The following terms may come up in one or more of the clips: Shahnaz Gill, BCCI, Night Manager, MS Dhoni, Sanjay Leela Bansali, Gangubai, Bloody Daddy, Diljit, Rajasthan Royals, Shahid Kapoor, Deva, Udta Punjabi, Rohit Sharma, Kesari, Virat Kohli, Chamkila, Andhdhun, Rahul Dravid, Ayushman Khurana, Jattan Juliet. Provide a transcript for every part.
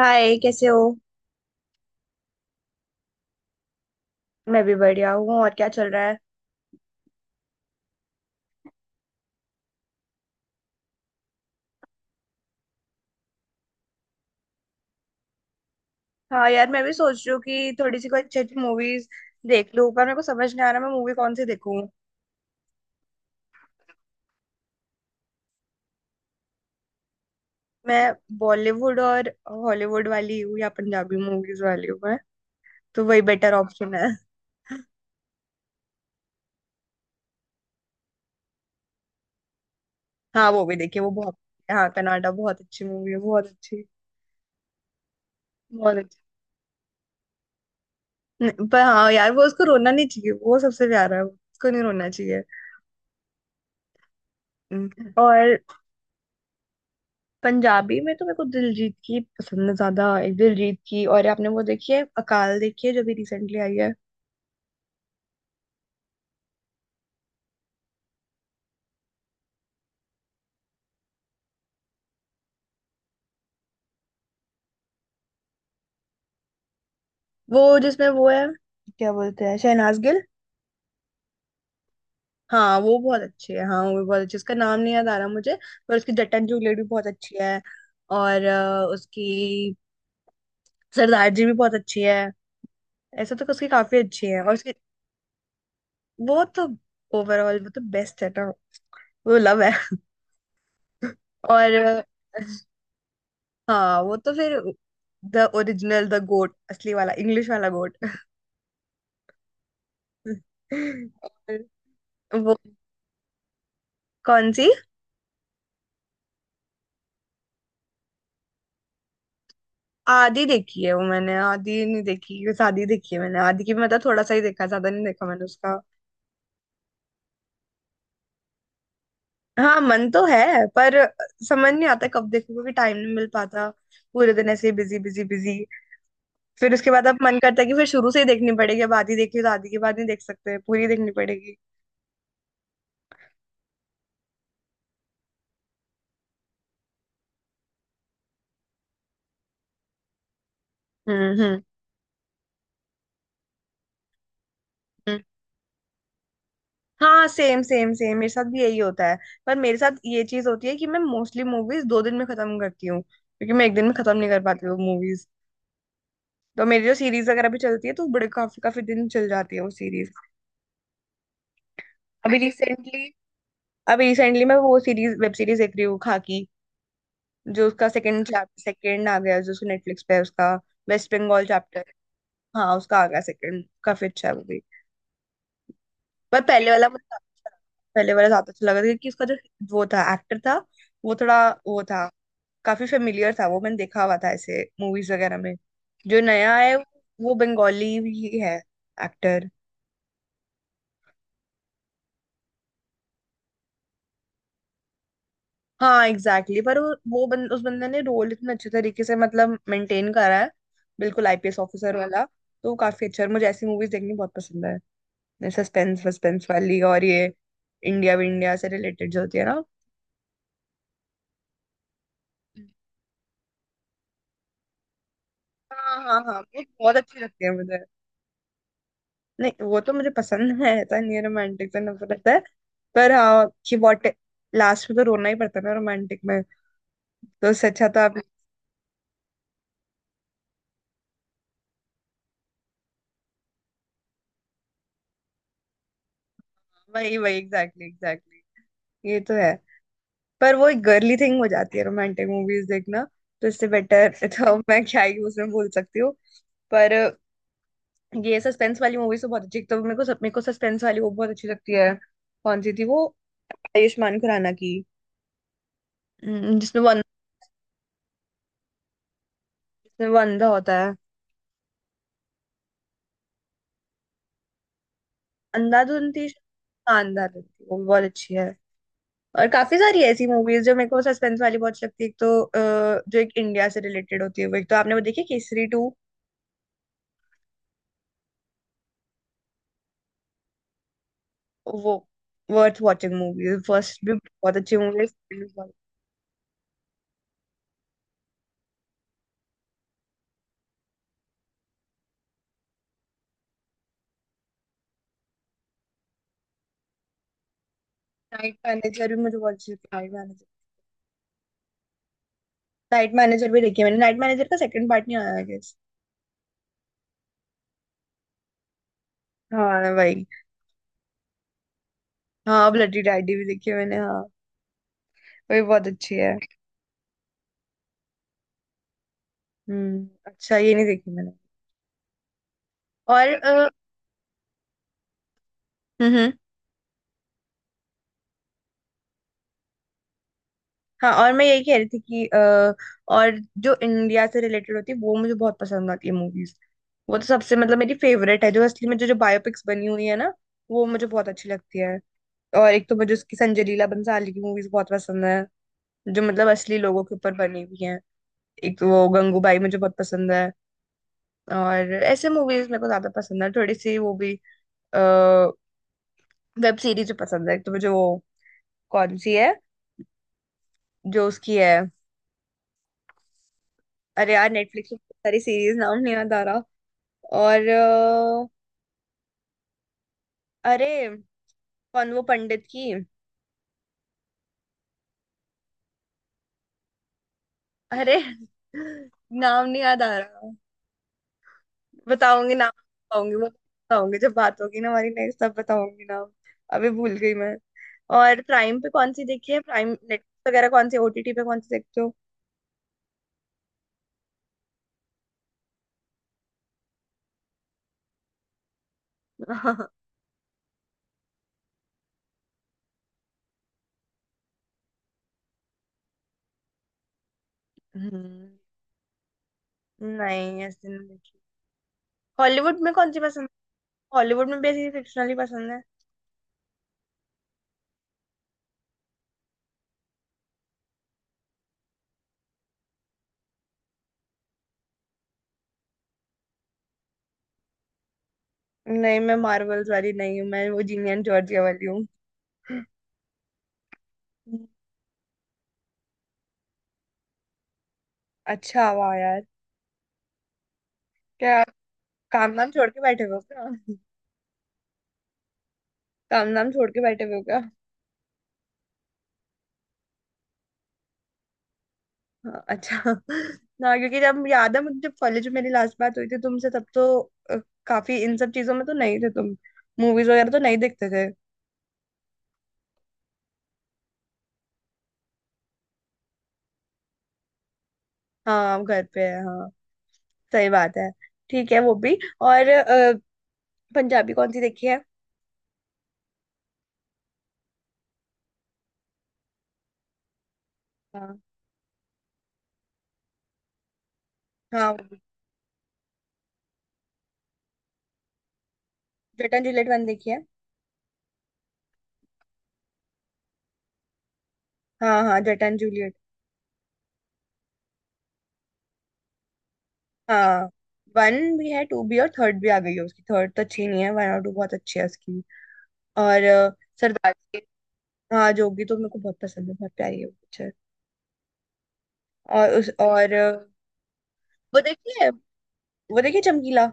हाय कैसे हो। मैं भी बढ़िया हूँ। और क्या चल रहा है। हाँ यार, मैं भी सोच रही हूँ कि थोड़ी सी कोई अच्छी अच्छी मूवीज देख लूँ, पर मेरे को समझ नहीं आ रहा मैं मूवी कौन सी देखूँ। मैं बॉलीवुड और हॉलीवुड वाली हूँ या पंजाबी मूवीज वाली हूँ, मैं तो वही बेटर ऑप्शन है। हाँ वो भी देखिए वो बहुत। हाँ कनाडा बहुत अच्छी मूवी है, बहुत अच्छी। बहुत अच्छी। नहीं, पर हाँ यार वो उसको रोना नहीं चाहिए, वो सबसे प्यारा है। उसको नहीं रोना चाहिए। और पंजाबी में तो मेरे को दिलजीत की पसंद है ज्यादा, एक दिलजीत की। और आपने वो देखी है अकाल, देखी है जो भी रिसेंटली आई है। वो जिसमें वो है, क्या बोलते हैं, शहनाज गिल। हाँ वो बहुत अच्छी है। हाँ वो बहुत अच्छी है। उसका नाम नहीं याद आ रहा मुझे। पर उसकी जटन जूलियट भी बहुत अच्छी है। और उसकी सरदार जी भी बहुत अच्छी है। ऐसे तो उसकी काफी अच्छी है और उसकी। वो तो ओवरऑल वो तो बेस्ट है ना। वो लव है। और हाँ वो तो फिर द ओरिजिनल द गोट, असली वाला इंग्लिश वाला गोट। और वो कौन सी। आधी देखी है वो मैंने, आधी नहीं देखी, बस आधी देखी है मैंने, आधी की भी मतलब थोड़ा सा ही देखा, ज्यादा नहीं देखा मैंने उसका। हाँ मन तो है, पर समझ नहीं आता कब देखूं क्योंकि टाइम नहीं मिल पाता। पूरे दिन ऐसे बिजी बिजी बिजी, फिर उसके बाद अब मन करता है कि फिर शुरू से ही देखनी पड़ेगी, अब आधी देखी तो आधी के बाद नहीं देख सकते, पूरी देखनी पड़ेगी। हम्म। हाँ, सेम सेम सेम मेरे साथ भी यही होता है। पर मेरे साथ ये चीज होती है कि मैं मोस्टली मूवीज दो दिन में खत्म करती हूँ, क्योंकि मैं एक दिन में खत्म नहीं कर पाती हूँ मूवीज। तो मेरी जो सीरीज वगैरह भी चलती है तो बड़े काफी काफी दिन चल जाती है वो सीरीज। अभी रिसेंटली अभी रिसेंटली मैं वो सीरीज, वेब सीरीज, देख रही हूँ, खाकी। जो उसका सेकंड, सेकंड आ गया जो, उसको नेटफ्लिक्स पे है, उसका वेस्ट बंगाल चैप्टर। हाँ उसका आ गया सेकंड, काफी अच्छा है वो भी। पर पहले वाला मुझे ज्यादा अच्छा लगा। पहले वाला ज्यादा अच्छा लगा क्योंकि उसका जो वो था, एक्टर था, वो थोड़ा वो था, काफी फेमिलियर था, वो मैंने देखा हुआ था ऐसे मूवीज वगैरह में। जो नया है वो बंगाली ही है, एक्टर। हाँ एग्जैक्टली exactly, पर वो उस बंदे ने रोल इतने अच्छे तरीके से मतलब मेंटेन करा है, बिल्कुल आईपीएस ऑफिसर वाला, तो वो काफी अच्छा है। और मुझे ऐसी मूवीज देखनी बहुत पसंद है, सस्पेंस वस्पेंस वाली, और ये इंडिया विंडिया से रिलेटेड जो होती है ना। हाँ हाँ हाँ वो बहुत अच्छी लगती है मुझे। नहीं वो तो मुझे पसंद है, ऐसा नहीं रोमांटिक से नफरत रहता है। पर हाँ कि वॉट, लास्ट में तो रोना ही पड़ता है ना रोमांटिक में, तो उससे अच्छा तो आप। वही वही एग्जैक्टली एग्जैक्टली। ये तो है। पर वो एक गर्ली थिंग हो जाती है रोमांटिक मूवीज देखना, तो इससे बेटर तो मैं क्या ही उसमें बोल सकती हूँ। पर ये सस्पेंस वाली मूवीज तो बहुत अच्छी, तो मेरे को सस्पेंस वाली वो बहुत अच्छी लगती है। कौन सी थी वो आयुष्मान खुराना की। जिसमें वो जिसमें वो अंधा होता, अंधाधुन थी, शानदार थी। वो भी बहुत अच्छी है। और काफी सारी ऐसी मूवीज जो मेरे को सस्पेंस वाली बहुत अच्छी लगती है। एक तो जो एक इंडिया से रिलेटेड होती है वो, एक तो आपने वो देखी केसरी टू। वो वर्थ वॉचिंग मूवी, फर्स्ट भी बहुत अच्छी मूवी है। नाइट मैनेजर भी मुझे बहुत अच्छी लगती है, नाइट मैनेजर। नाइट मैनेजर भी देखी है मैंने, नाइट मैनेजर का सेकंड पार्ट नहीं आया गेस। हाँ भाई। हाँ ब्लडी डैडी भी देखी है मैंने, हाँ वो भी बहुत अच्छी है। हम्म, अच्छा ये नहीं देखी मैंने। और हम्म। हाँ और मैं यही कह रही थी कि और जो इंडिया से रिलेटेड होती है वो मुझे बहुत पसंद आती है मूवीज। वो तो सबसे मतलब मेरी फेवरेट है, जो असली में जो जो बायोपिक्स बनी हुई है ना, वो मुझे बहुत अच्छी लगती है। और एक तो मुझे उसकी संजय लीला बंसाली की मूवीज बहुत पसंद है, जो मतलब असली लोगों के ऊपर बनी हुई है। एक तो वो गंगूबाई मुझे बहुत पसंद है। और ऐसे मूवीज मेरे को ज्यादा पसंद है, थोड़ी सी वो भी वेब सीरीज पसंद है। एक तो मुझे वो कौन सी है जो उसकी है, अरे यार नेटफ्लिक्स पे बहुत सारी सीरीज, नाम नहीं याद आ रहा। और अरे कौन वो पंडित की, अरे नाम नहीं याद आ रहा। बताऊंगी, नाम बताऊंगी, वो बताऊंगी जब बात होगी ना हमारी नेक्स्ट, तब बताऊंगी नाम। अभी भूल गई मैं। और प्राइम पे कौन सी देखी है, प्राइम नेटफ्लिक्स वगैरह कौन सी, ओटीटी पे कौन सी देखते हो। हम्म, नहीं ऐसे नहीं देखी। हॉलीवुड में कौन सी पसंद है? हॉलीवुड में बेसिकली फिक्शनल ही पसंद है। नहीं मैं मार्वल्स वाली नहीं हूँ, मैं वो जीनियन जॉर्जिया वाली हूँ। अच्छा वाह यार। क्या, काम नाम छोड़ के बैठे हुए हो क्या। काम नाम छोड़ के बैठे हुए हो क्या। हाँ, अच्छा। ना क्योंकि जब याद है मुझे, जब कॉलेज में मेरी लास्ट बात हुई थी तुमसे, तब तो अ, काफी इन सब चीजों में तो नहीं थे तुम, मूवीज वगैरह तो नहीं देखते थे। हाँ हम घर पे है, हाँ सही बात है। ठीक है वो भी। और पंजाबी कौन सी देखी है। हाँ हाँ वो भी। जटन जूलियट वन देखी है। हाँ हाँ जटन जूलियट। हाँ वन भी है, टू भी, और थर्ड भी आ गई है उसकी। थर्ड तो अच्छी नहीं है, वन और टू बहुत अच्छी है उसकी। और सरदार। हाँ जोगी तो मेरे को बहुत पसंद है, बहुत प्यारी है वो पिक्चर। और उस और वो देखी है, वो देखिए चमकीला।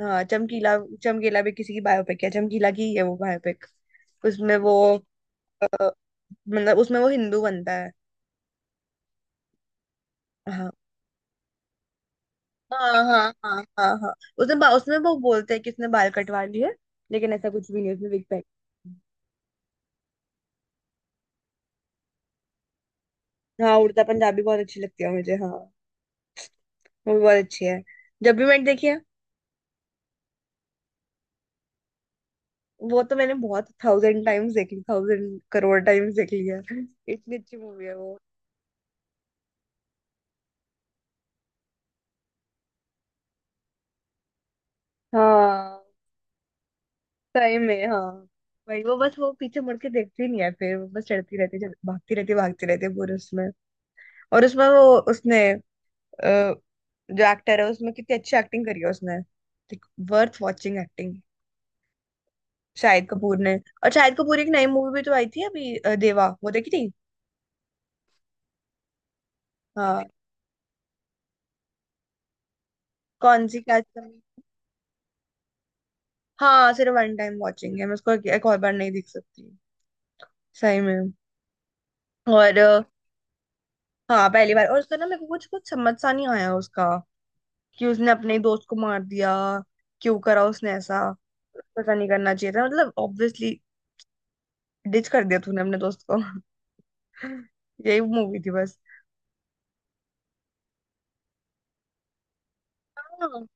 हाँ चमकीला। चमकीला भी किसी की बायोपिक है, चमकीला की ही है वो बायोपिक। उसमें वो अ, मतलब उसमें वो हिंदू बनता है। हाँ हाँ हाँ हाँ हाँ हाँ। उसमें वो बोलते हैं कि उसने बाल कटवा लिए, लेकिन ऐसा कुछ भी नहीं, उसने विग पहन। हाँ उड़ता पंजाबी बहुत अच्छी लगती है मुझे, हाँ वो भी बहुत अच्छी है। जब भी मैंने देखी है, वो तो मैंने बहुत थाउजेंड टाइम्स देख ली, थाउजेंड करोड़ टाइम्स देख ली है। इतनी अच्छी मूवी है वो। हाँ सही में। हाँ भाई वो बस, वो पीछे मुड़ के देखती नहीं है, फिर वो बस चढ़ती रहती है, भागती रहती है, भागती रहती है पूरे उसमें। और उसमें वो उसने अ, जो एक्टर है उसमें, कितनी अच्छी एक्टिंग करी है उसने, worth watching acting, Shahid Kapoor ने। और शाहिद कपूर की एक नई मूवी भी तो आई थी अभी, देवा, वो देखी थी। हाँ कौन सी क्या। हाँ सिर्फ वन टाइम वॉचिंग है, मैं उसको एक एक और बार नहीं देख सकती, सही में। और हाँ पहली बार। और उसका ना मेरे को कुछ कुछ समझ सा नहीं आया उसका, कि उसने अपने दोस्त को मार दिया, क्यों करा उसने ऐसा, पता नहीं, करना चाहिए था मतलब ऑब्वियसली, डिच कर दिया तूने अपने दोस्त को। यही मूवी थी बस। हाँ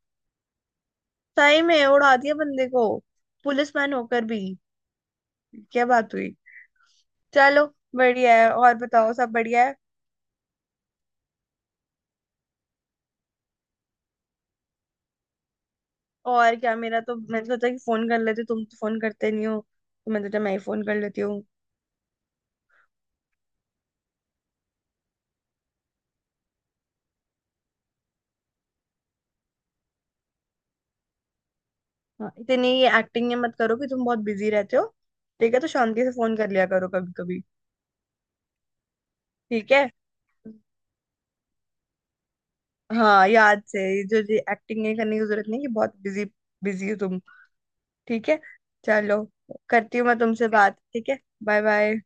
सही में उड़ा दिया बंदे को, पुलिसमैन होकर भी, क्या बात हुई। चलो बढ़िया है, और बताओ सब बढ़िया है। और क्या, मेरा तो, मैंने सोचा कि फोन कर लेते तुम, तो फोन करते नहीं हो, तो मैंने सोचा मैं ही फोन कर लेती हूँ। हाँ, इतनी ये एक्टिंग ये मत करो कि तुम बहुत बिजी रहते हो, ठीक है, तो शांति से फोन कर लिया करो कभी कभी। ठीक है। हाँ याद से ये, जो ये एक्टिंग नहीं करने की जरूरत नहीं कि बहुत बिजी, बिजी हो तुम। ठीक है। चलो, करती हूँ मैं तुमसे बात, ठीक है। Bye bye.